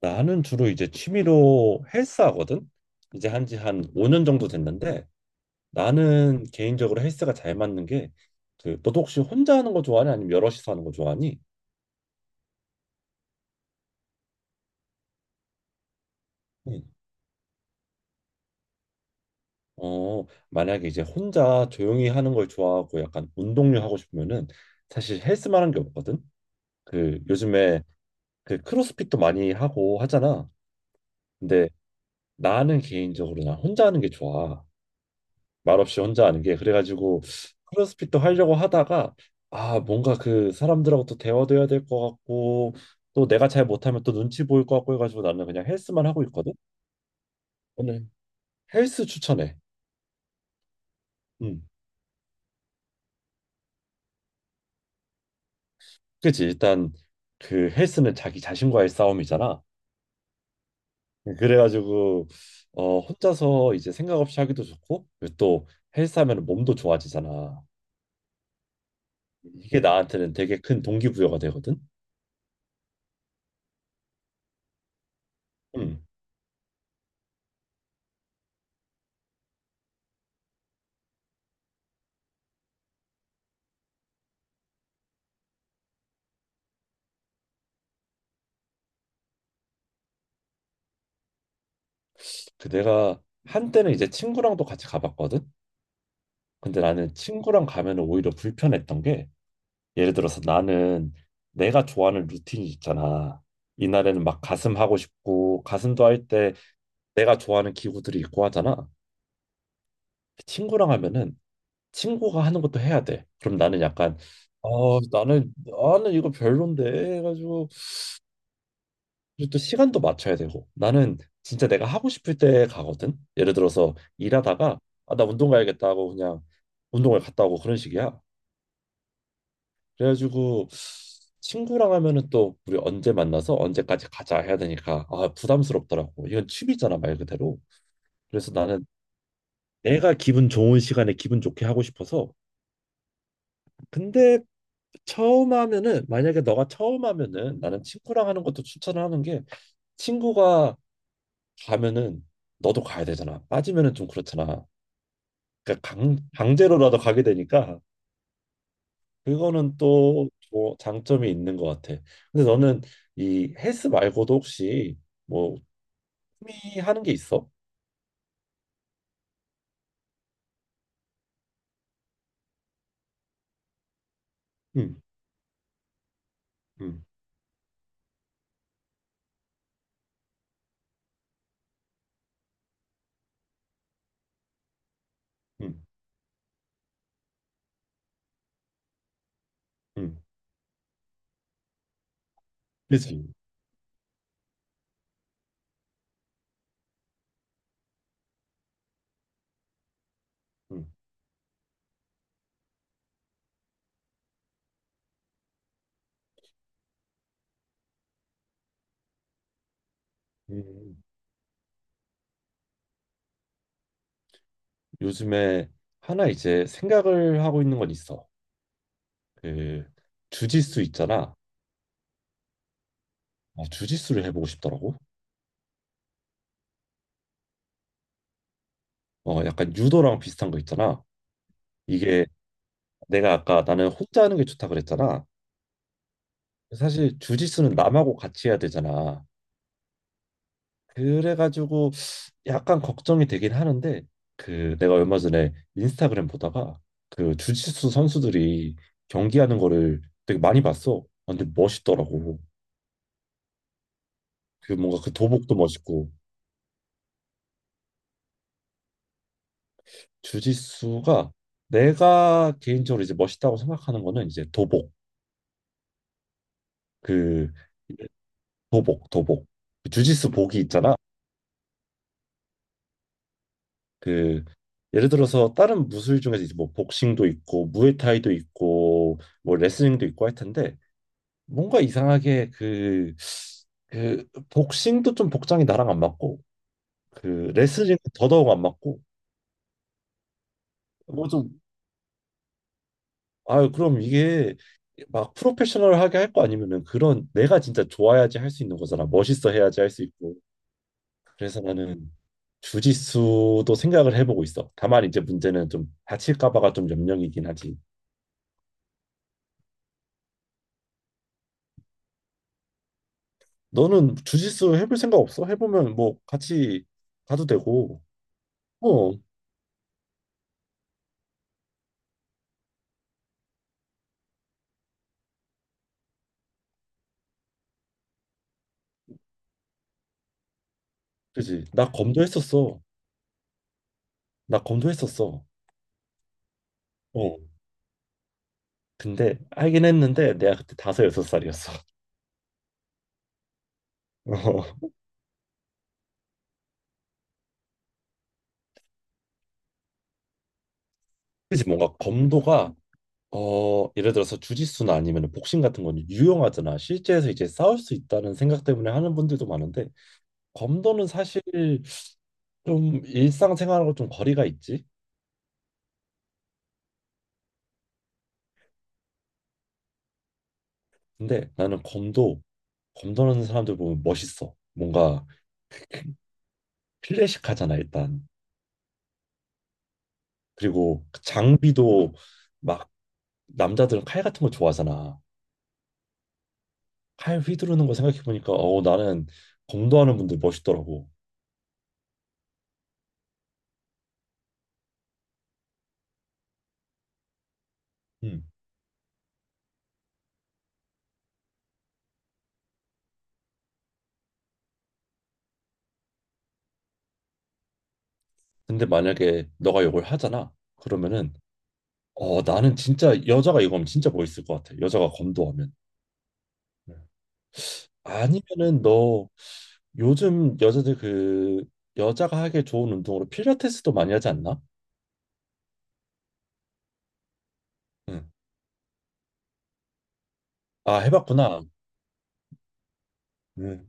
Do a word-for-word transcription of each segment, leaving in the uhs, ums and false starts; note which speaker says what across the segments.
Speaker 1: 나는 주로 이제 취미로 헬스 하거든. 이제 한지 한 오 년 정도 됐는데 나는 개인적으로 헬스가 잘 맞는 게 그 너도 혹시 혼자 하는 거 좋아하니 아니면 여럿이서 하는 거 좋아하니? 응. 어, 만약에 이제 혼자 조용히 하는 걸 좋아하고 약간 운동류 하고 싶으면은 사실 헬스만한 게 없거든. 그 요즘에 그 크로스핏도 많이 하고 하잖아. 근데 나는 개인적으로 난 혼자 하는 게 좋아. 말없이 혼자 하는 게 그래가지고 크로스핏도 하려고 하다가 아 뭔가 그 사람들하고 또 대화도 해야 될 것 같고 또 내가 잘 못하면 또 눈치 보일 것 같고 해가지고 나는 그냥 헬스만 하고 있거든. 오늘 헬스 추천해. 음, 그치 일단 그 헬스는 자기 자신과의 싸움이잖아. 그래가지고 어 혼자서 이제 생각 없이 하기도 좋고 그리고 또 헬스하면 몸도 좋아지잖아. 이게 나한테는 되게 큰 동기부여가 되거든. 음. 그 내가 한때는 이제 친구랑도 같이 가봤거든. 근데 나는 친구랑 가면은 오히려 불편했던 게 예를 들어서 나는 내가 좋아하는 루틴이 있잖아. 이날에는 막 가슴 하고 싶고 가슴도 할 때 내가 좋아하는 기구들이 있고 하잖아. 친구랑 하면은 친구가 하는 것도 해야 돼. 그럼 나는 약간 어 나는 나는 이거 별론데 해가지고 그리고 또 시간도 맞춰야 되고 나는 진짜 내가 하고 싶을 때 가거든. 예를 들어서 일하다가 아, 나 운동 가야겠다 하고 그냥 운동을 갔다 오고 그런 식이야. 그래가지고 친구랑 하면은 또 우리 언제 만나서 언제까지 가자 해야 되니까 아 부담스럽더라고. 이건 취미잖아 말 그대로. 그래서 나는 내가 기분 좋은 시간에 기분 좋게 하고 싶어서. 근데 처음 하면은 만약에 너가 처음 하면은 나는 친구랑 하는 것도 추천을 하는 게 친구가 가면은 너도 가야 되잖아. 빠지면은 좀 그렇잖아. 그러니까 강, 강제로라도 가게 되니까 그거는 또 뭐 장점이 있는 것 같아. 근데 너는 이 헬스 말고도 혹시 뭐 취미 하는 게 있어? 응, 응, 응, 응. 그치. 응. 음, 요즘에 하나 이제 생각을 하고 있는 건 있어. 그 주짓수 있잖아. 어, 주짓수를 해보고 싶더라고. 어, 약간 유도랑 비슷한 거 있잖아. 이게 내가 아까 나는 혼자 하는 게 좋다 그랬잖아. 사실 주짓수는 남하고 같이 해야 되잖아. 그래가지고 약간 걱정이 되긴 하는데 그 내가 얼마 전에 인스타그램 보다가 그 주짓수 선수들이 경기하는 거를 되게 많이 봤어. 아, 근데 멋있더라고. 그 뭔가 그 도복도 멋있고 주짓수가 내가 개인적으로 이제 멋있다고 생각하는 거는 이제 도복 그 도복 도복 그 주짓수 복이 있잖아. 그 예를 들어서 다른 무술 중에서 이제 뭐 복싱도 있고 무에타이도 있고 뭐 레슬링도 있고 할 텐데 뭔가 이상하게 그, 그 복싱도 좀 복장이 나랑 안 맞고 그 레슬링은 더더욱 안 맞고 뭐 좀 아 그럼 이게 막 프로페셔널하게 할 거 아니면은 그런 내가 진짜 좋아야지 할 수 있는 거잖아 멋있어 해야지 할 수 있고 그래서 나는 주짓수도 생각을 해보고 있어. 다만 이제 문제는 좀 다칠까 봐가 좀 염려이긴 하지. 너는 주짓수 해볼 생각 없어? 해보면 뭐 같이 가도 되고 어 그지 나 검도 했었어. 나 검도 했었어. 어. 근데 알긴 했는데 내가 그때 다섯 여섯 살이었어. 어. 그치 뭔가 검도가 어 예를 들어서 주짓수나 아니면 복싱 같은 건 유용하잖아. 실제에서 이제 싸울 수 있다는 생각 때문에 하는 분들도 많은데 검도는 사실 좀 일상생활하고 좀 거리가 있지. 근데 나는 검도 검도하는 사람들 보면 멋있어. 뭔가 클래식하잖아 일단. 그리고 그 장비도 막 남자들은 칼 같은 거 좋아하잖아. 칼 휘두르는 거 생각해 보니까 어 나는 검도 하는 분들 멋있더라고. 음. 근데 만약에 너가 이걸 하잖아. 그러면은 어 나는 진짜 여자가 이거 하면 진짜 멋있을 것 같아. 여자가 검도 하면. 네. 아니면은 너 요즘 여자들 그 여자가 하기 좋은 운동으로 필라테스도 많이 하지 않나? 응. 아 해봤구나. 응.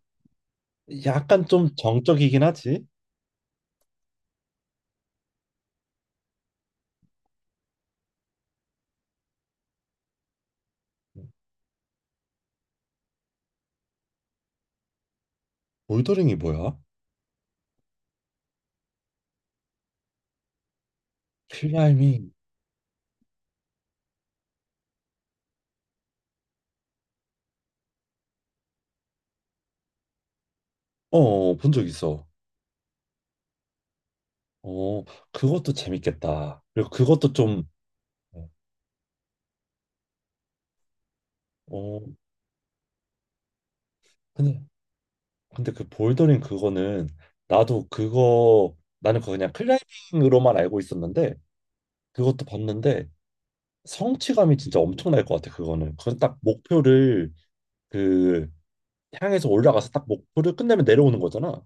Speaker 1: 약간 좀 정적이긴 하지. 볼더링이 뭐야? 클라이밍. 어, 본 적 있어. 어, 그것도 재밌겠다. 그리고 그것도 좀 어, 어, 근데, 근데 그 볼더링 그거는 나도 그거 나는 그거 그냥 클라이밍으로만 알고 있었는데 그것도 봤는데 성취감이 진짜 엄청날 것 같아. 그거는 그건 딱 목표를 그 향해서 올라가서 딱 목표를 끝내면 내려오는 거잖아.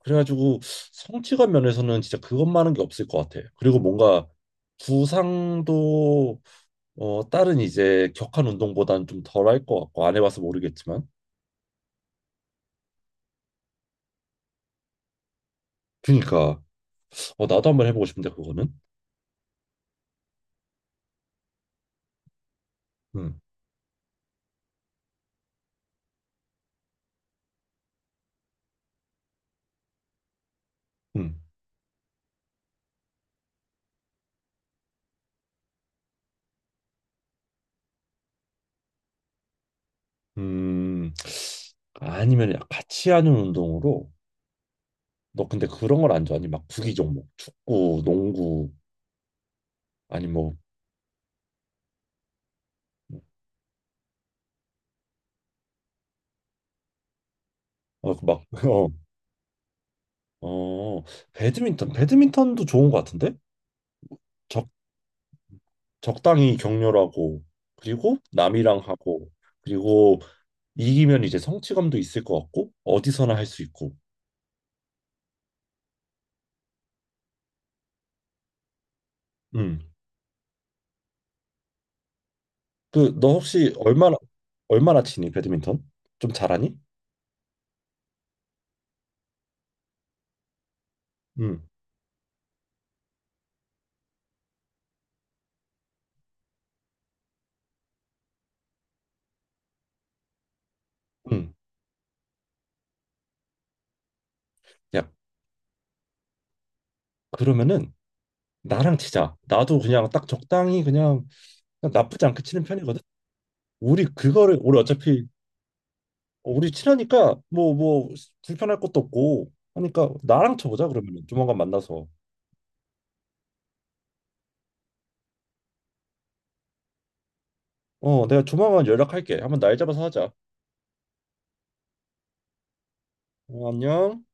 Speaker 1: 그래가지고 성취감 면에서는 진짜 그것만한 게 없을 것 같아. 그리고 뭔가 부상도 어 다른 이제 격한 운동보다는 좀 덜할 것 같고 안 해봐서 모르겠지만 그니까 어 나도 한번 해보고 싶은데 그거는 음, 음, 음. 아니면 같이 하는 운동으로 너 근데 그런 걸 안 좋아하니? 막 구기 종목, 축구, 농구 아니 뭐 어, 그 막, 어, 어, 배드민턴, 배드민턴도 좋은 것 같은데? 적, 적당히 격렬하고, 그리고 남이랑 하고, 그리고 이기면 이제 성취감도 있을 것 같고, 어디서나 할 수 있고. 음. 그, 너 혹시 얼마나, 얼마나 치니, 배드민턴? 좀 잘하니? 음. 음. 야, 그러면은 나랑 치자. 나도 그냥 딱 적당히 그냥, 그냥 나쁘지 않게 치는 편이거든. 우리 그거를 우리 어차피 우리 친하니까 뭐 뭐 불편할 것도 없고 하니까 나랑 쳐보자 그러면 조만간 만나서. 어, 내가 조만간 연락할게. 한번 날 잡아서 하자. 어, 안녕.